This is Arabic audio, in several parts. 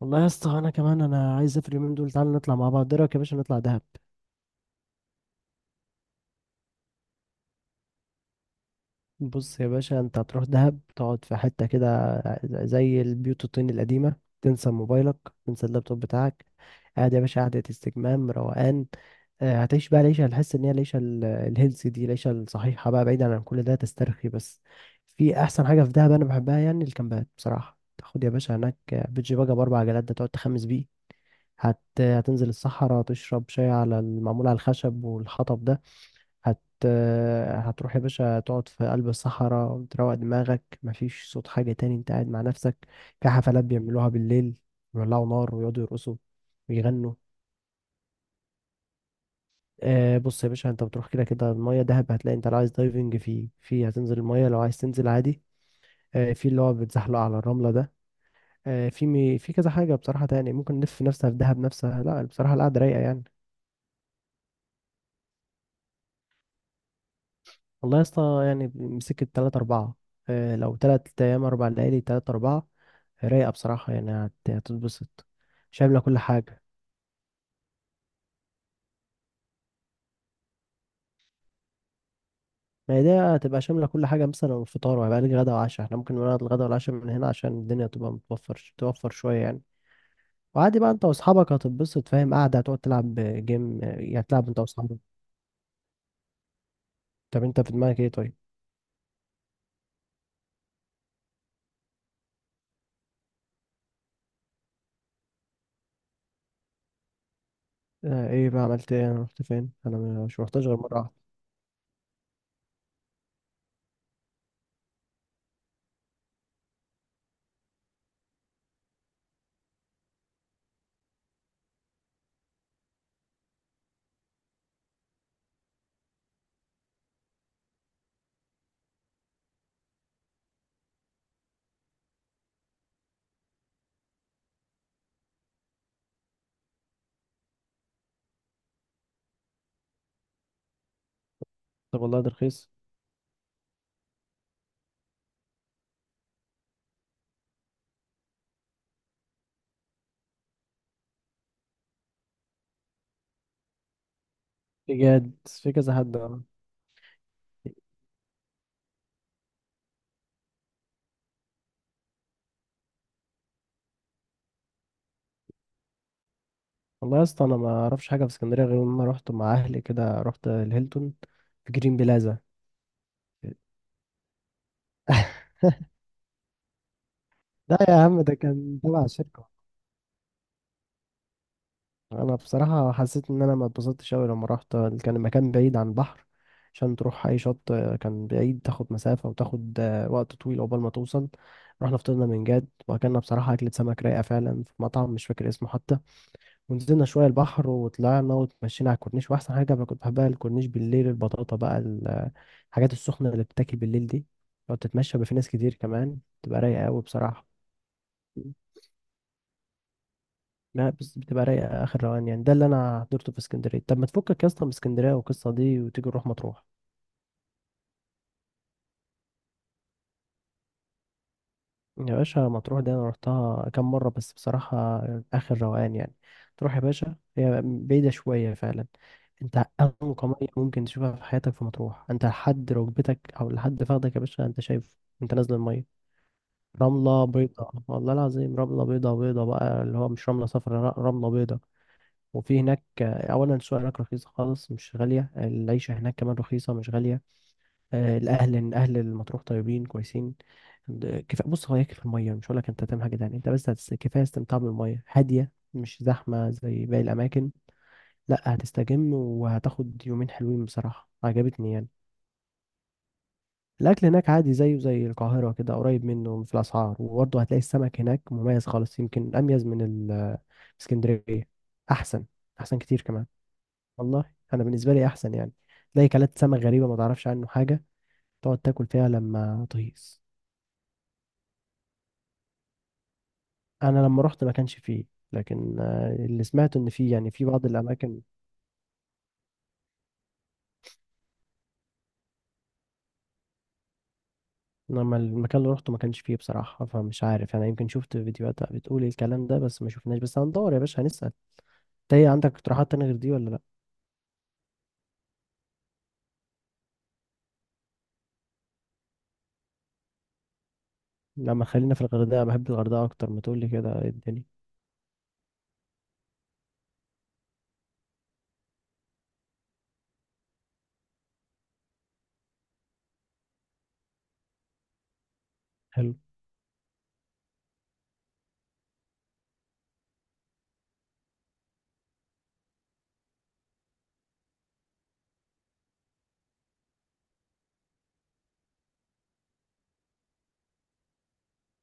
والله يا اسطى، انا كمان انا عايز اسافر اليومين دول. تعالى نطلع مع بعض، ايه رايك يا باشا نطلع دهب؟ بص يا باشا، انت هتروح دهب تقعد في حته كده زي البيوت الطين القديمه. تنسى موبايلك، تنسى اللابتوب بتاعك. قاعد يا باشا قعده استجمام روقان. هتعيش بقى العيشه. هتحس ان هي العيشه الهيلثي دي، العيشه الصحيحه بقى، بعيدا عن كل ده. تسترخي بس. في احسن حاجه في دهب انا بحبها يعني الكامبات بصراحه، تاخد يا باشا هناك بيتش باجا باربع عجلات ده، تقعد تخمس بيه. هتنزل الصحراء، تشرب شاي على المعمول على الخشب والحطب ده. هت... هتروح يا باشا تقعد في قلب الصحراء، تروق دماغك، مفيش صوت حاجة تاني، انت قاعد مع نفسك. في حفلات بيعملوها بالليل، بيولعوا نار ويقعدوا يرقصوا ويغنوا. آه بص يا باشا، انت بتروح كده كده المية، دهب هتلاقي انت لو عايز دايفنج في هتنزل المية، لو عايز تنزل عادي. آه في اللي هو بتزحلق على الرملة ده. آه في في كذا حاجة بصراحة تاني ممكن نلف نفسها في دهب نفسها، لا بصراحة القعدة رايقة يعني. والله يا اسطى يعني مسكت تلاتة أربعة. لو تلات أيام أربع ليالي تلاتة أربعة، رايقة بصراحة يعني. هتتبسط. شاملة كل حاجة. ما هي دي هتبقى شاملة كل حاجة، مثلا الفطار، وهيبقى لك غدا وعشاء. احنا ممكن نقعد الغدا والعشاء من هنا عشان الدنيا تبقى متوفر، توفر شوية يعني. وعادي بقى انت واصحابك هتتبسط، فاهم؟ قاعدة، هتقعد تلعب جيم، يعني هتلعب انت واصحابك. طب انت في دماغك ايه طيب؟ ايه بقى، عملت ايه؟ انا رحت فين؟ انا مش محتاج غير مرة واحدة. طب والله ده رخيص. بجد في كذا حد، اه. والله يا اسطى انا ما اعرفش حاجه في اسكندريه غير لما رحت مع اهلي كده، رحت الهيلتون في جرين بلازا. لا يا عم، ده كان تبع شركه. انا بصراحه حسيت ان انا ما اتبسطتش قوي لما رحت. كان المكان بعيد عن البحر، عشان تروح اي شط كان بعيد، تاخد مسافه وتاخد وقت طويل عقبال ما توصل. رحنا فطرنا من جد، واكلنا بصراحه اكله سمك رايقه فعلا في مطعم مش فاكر اسمه حتى. ونزلنا شوية البحر وطلعنا وتمشينا على الكورنيش، وأحسن حاجة بقى كنت بحبها الكورنيش بالليل، البطاطا بقى، الحاجات السخنة اللي بتاكل بالليل دي. لو تتمشى بقى في ناس كتير كمان، بتبقى رايقة أوي بصراحة. لا بس بتبقى رايقة آخر روان يعني، ده اللي أنا حضرته في اسكندرية. طب ما تفكك يا اسطى من اسكندرية والقصة دي وتيجي نروح مطروح. يا باشا مطروح دي انا رحتها كام مره، بس بصراحه اخر روقان يعني. تروح يا باشا، هي بعيده شويه فعلا. انت انقى ميه ممكن تشوفها في حياتك في مطروح، انت لحد ركبتك او لحد فخدك يا باشا انت شايف، انت نازل الميه. رمله بيضاء، والله العظيم رمله بيضاء، بيضاء بقى اللي هو مش رمله صفراء، لا، رمله بيضاء. وفي هناك اولا السوق هناك رخيص خالص، مش غاليه، العيشه هناك كمان رخيصه، مش غاليه. الاهل، إن اهل المطروح طيبين كويسين. كفايه بص، هو هي في الميه. مش هقول لك انت تعمل حاجه تانية، انت بس كفايه استمتاع بالميه هاديه، مش زحمه زي باقي الاماكن. لا هتستجم وهتاخد يومين حلوين بصراحه، عجبتني يعني. الاكل هناك عادي زيه زي القاهره كده، قريب منه في الاسعار، وبرضه هتلاقي السمك هناك مميز خالص، يمكن اميز من اسكندريه. احسن، احسن كتير كمان. والله انا بالنسبه لي احسن يعني. تلاقي كلات سمك غريبه ما تعرفش عنه حاجه، تقعد تاكل فيها لما تهيص. انا لما رحت ما كانش فيه، لكن اللي سمعت ان فيه يعني في بعض الاماكن. انما المكان اللي رحته ما كانش فيه بصراحه، فمش عارف انا، يمكن شفت فيديوهات بتقول الكلام ده بس ما شفناش. بس هندور يا باشا، هنسال. انت ايه عندك اقتراحات تانية غير دي ولا لا؟ لما خلينا في الغردقه، بحب الغردقه اكتر، ما تقول لي كده إيه الدنيا. حلو.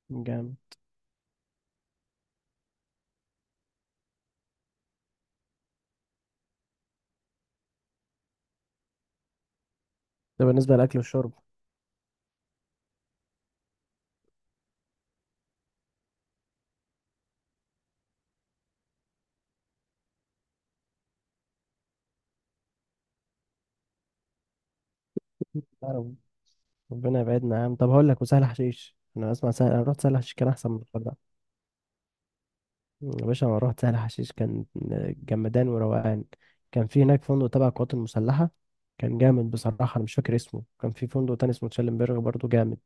جامد. ده بالنسبه للاكل والشرب. لا، ربنا يبعدنا يا عم. طب هقول لك، وسهل حشيش؟ انا اسمع سهل. انا رحت سهل حشيش كان احسن من الغردقه. يا باشا أنا رحت سهل حشيش، كان جمدان وروقان. كان في هناك فندق تبع القوات المسلحة، كان جامد بصراحة. أنا مش فاكر اسمه، كان في فندق تاني اسمه تشيلنبرغ برضه جامد.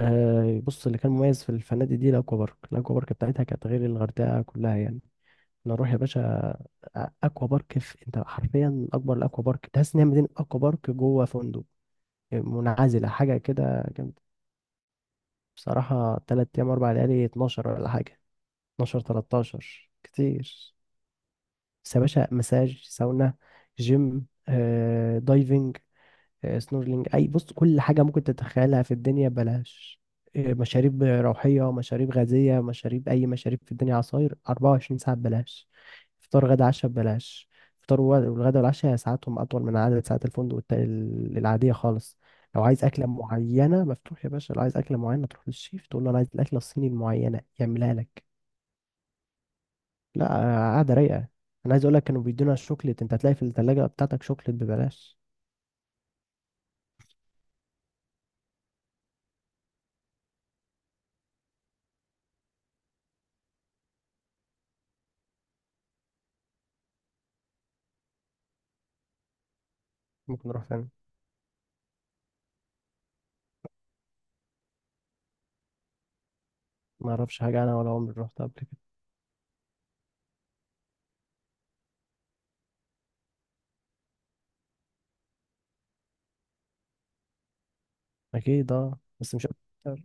آه بص، اللي كان مميز في الفنادق دي الأكوا بارك. الأكوا بارك بتاعتها كانت غير الغردقة كلها يعني. نروح يا باشا. أكوا بارك، في، أنت حرفيا أكبر الأكوا بارك، تحس إن هي مدينة أكوا بارك جوه فندق منعزلة، حاجة كده جامدة. بصراحة تلات أيام أربع ليالي، اتناشر ولا حاجة. اتناشر تلاتاشر كتير. بس يا باشا، مساج، ساونا، جيم، دايفنج، سنورلينج، اي بص كل حاجة ممكن تتخيلها في الدنيا بلاش. مشاريب روحية، مشاريب غازية، مشاريب أي مشاريب في الدنيا. عصاير 24 ساعة ببلاش. فطار غدا عشاء ببلاش. فطار والغدا والعشاء ساعاتهم أطول من عدد ساعات الفندق العادية خالص. لو عايز أكلة معينة مفتوح يا باشا، لو عايز أكلة معينة تروح للشيف تقول له أنا عايز الأكلة الصيني المعينة، يعملها لك. لا قاعدة رايقة. انا عايز اقول لك، كانوا بيدونا شوكليت، انت هتلاقي في الثلاجة بتاعتك شوكليت ببلاش. ممكن نروح فين؟ ما اعرفش حاجة انا، ولا عمري رحت قبل كده. اكيد اه بس مش اكتر.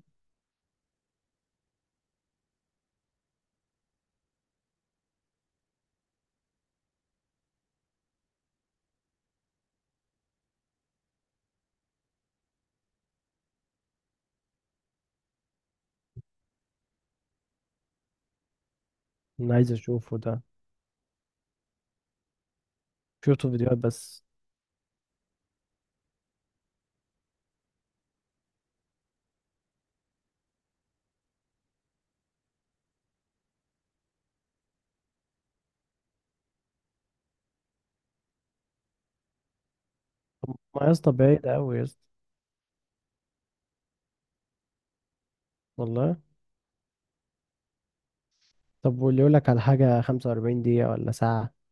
انا عايز اشوفه ده. شفته فيديوهات بس. ما يا اسطى بعيد قوي يا اسطى، والله. طب واللي يقول لك على حاجة 45 دقيقة ولا ساعة،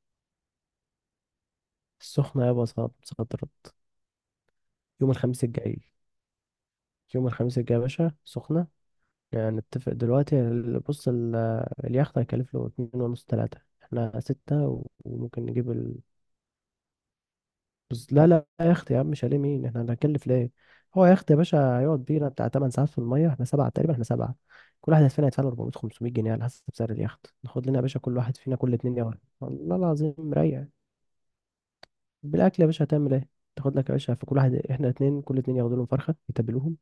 السخنة؟ يابا صاد صدرت. يوم الخميس الجاي، يوم الخميس الجاي يا باشا سخنة. يعني نتفق دلوقتي، بص، اليخت هيكلف له اتنين ونص تلاتة، احنا ستة وممكن نجيب. بس لا لا، يا اختي يا عم شاليه مين، احنا هنكلف ليه؟ هو يا اختي يا باشا هيقعد بينا بتاع 8 ساعات في الميه، احنا سبعه تقريبا، احنا سبعه. كل واحد فينا هيدفع له 400 500 جنيه على حسب سعر اليخت. ناخد لنا يا باشا كل واحد فينا كل اتنين يوم. والله العظيم مريح. بالاكل يا باشا هتعمل ايه؟ تاخد لك يا باشا، في كل واحد، احنا اتنين كل اتنين ياخدوا لهم فرخه يتبلوهم.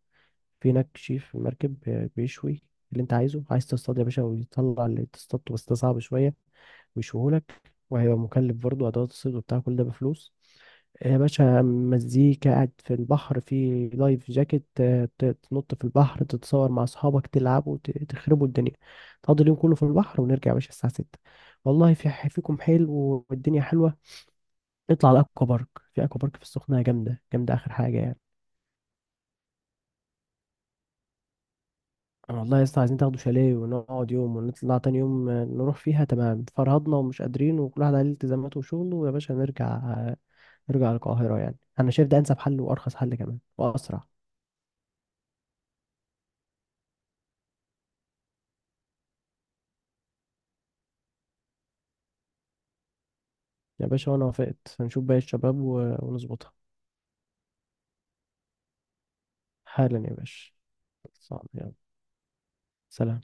في هناك شيف في المركب بيشوي اللي انت عايزه. عايز تصطاد يا باشا ويطلع اللي تصطاده، بس ده صعب شويه. ويشوهولك. وهيبقى مكلف برضه، أدوات الصيد وبتاع كل ده بفلوس. يا باشا، مزيكا، قاعد في البحر في لايف جاكيت، تنط في البحر، تتصور مع أصحابك، تلعبوا، تخربوا الدنيا. تقضي اليوم كله في البحر، ونرجع يا باشا الساعة ستة. والله في فيكم حلو، والدنيا حلوة. نطلع على الأكوا بارك. في أكوا بارك في السخنة جامدة جامدة، آخر حاجة يعني. والله يا اسطى عايزين تاخدوا شاليه ونقعد يوم، ونطلع تاني يوم نروح فيها. تمام، فرهضنا ومش قادرين، وكل واحد عليه التزاماته وشغله، ويا باشا نرجع، يرجع القاهرة يعني. أنا شايف ده أنسب حل وأرخص حل كمان وأسرع. يا باشا وأنا وافقت، هنشوف باقي الشباب ونظبطها. حالا يا باشا. صعب يلا. سلام.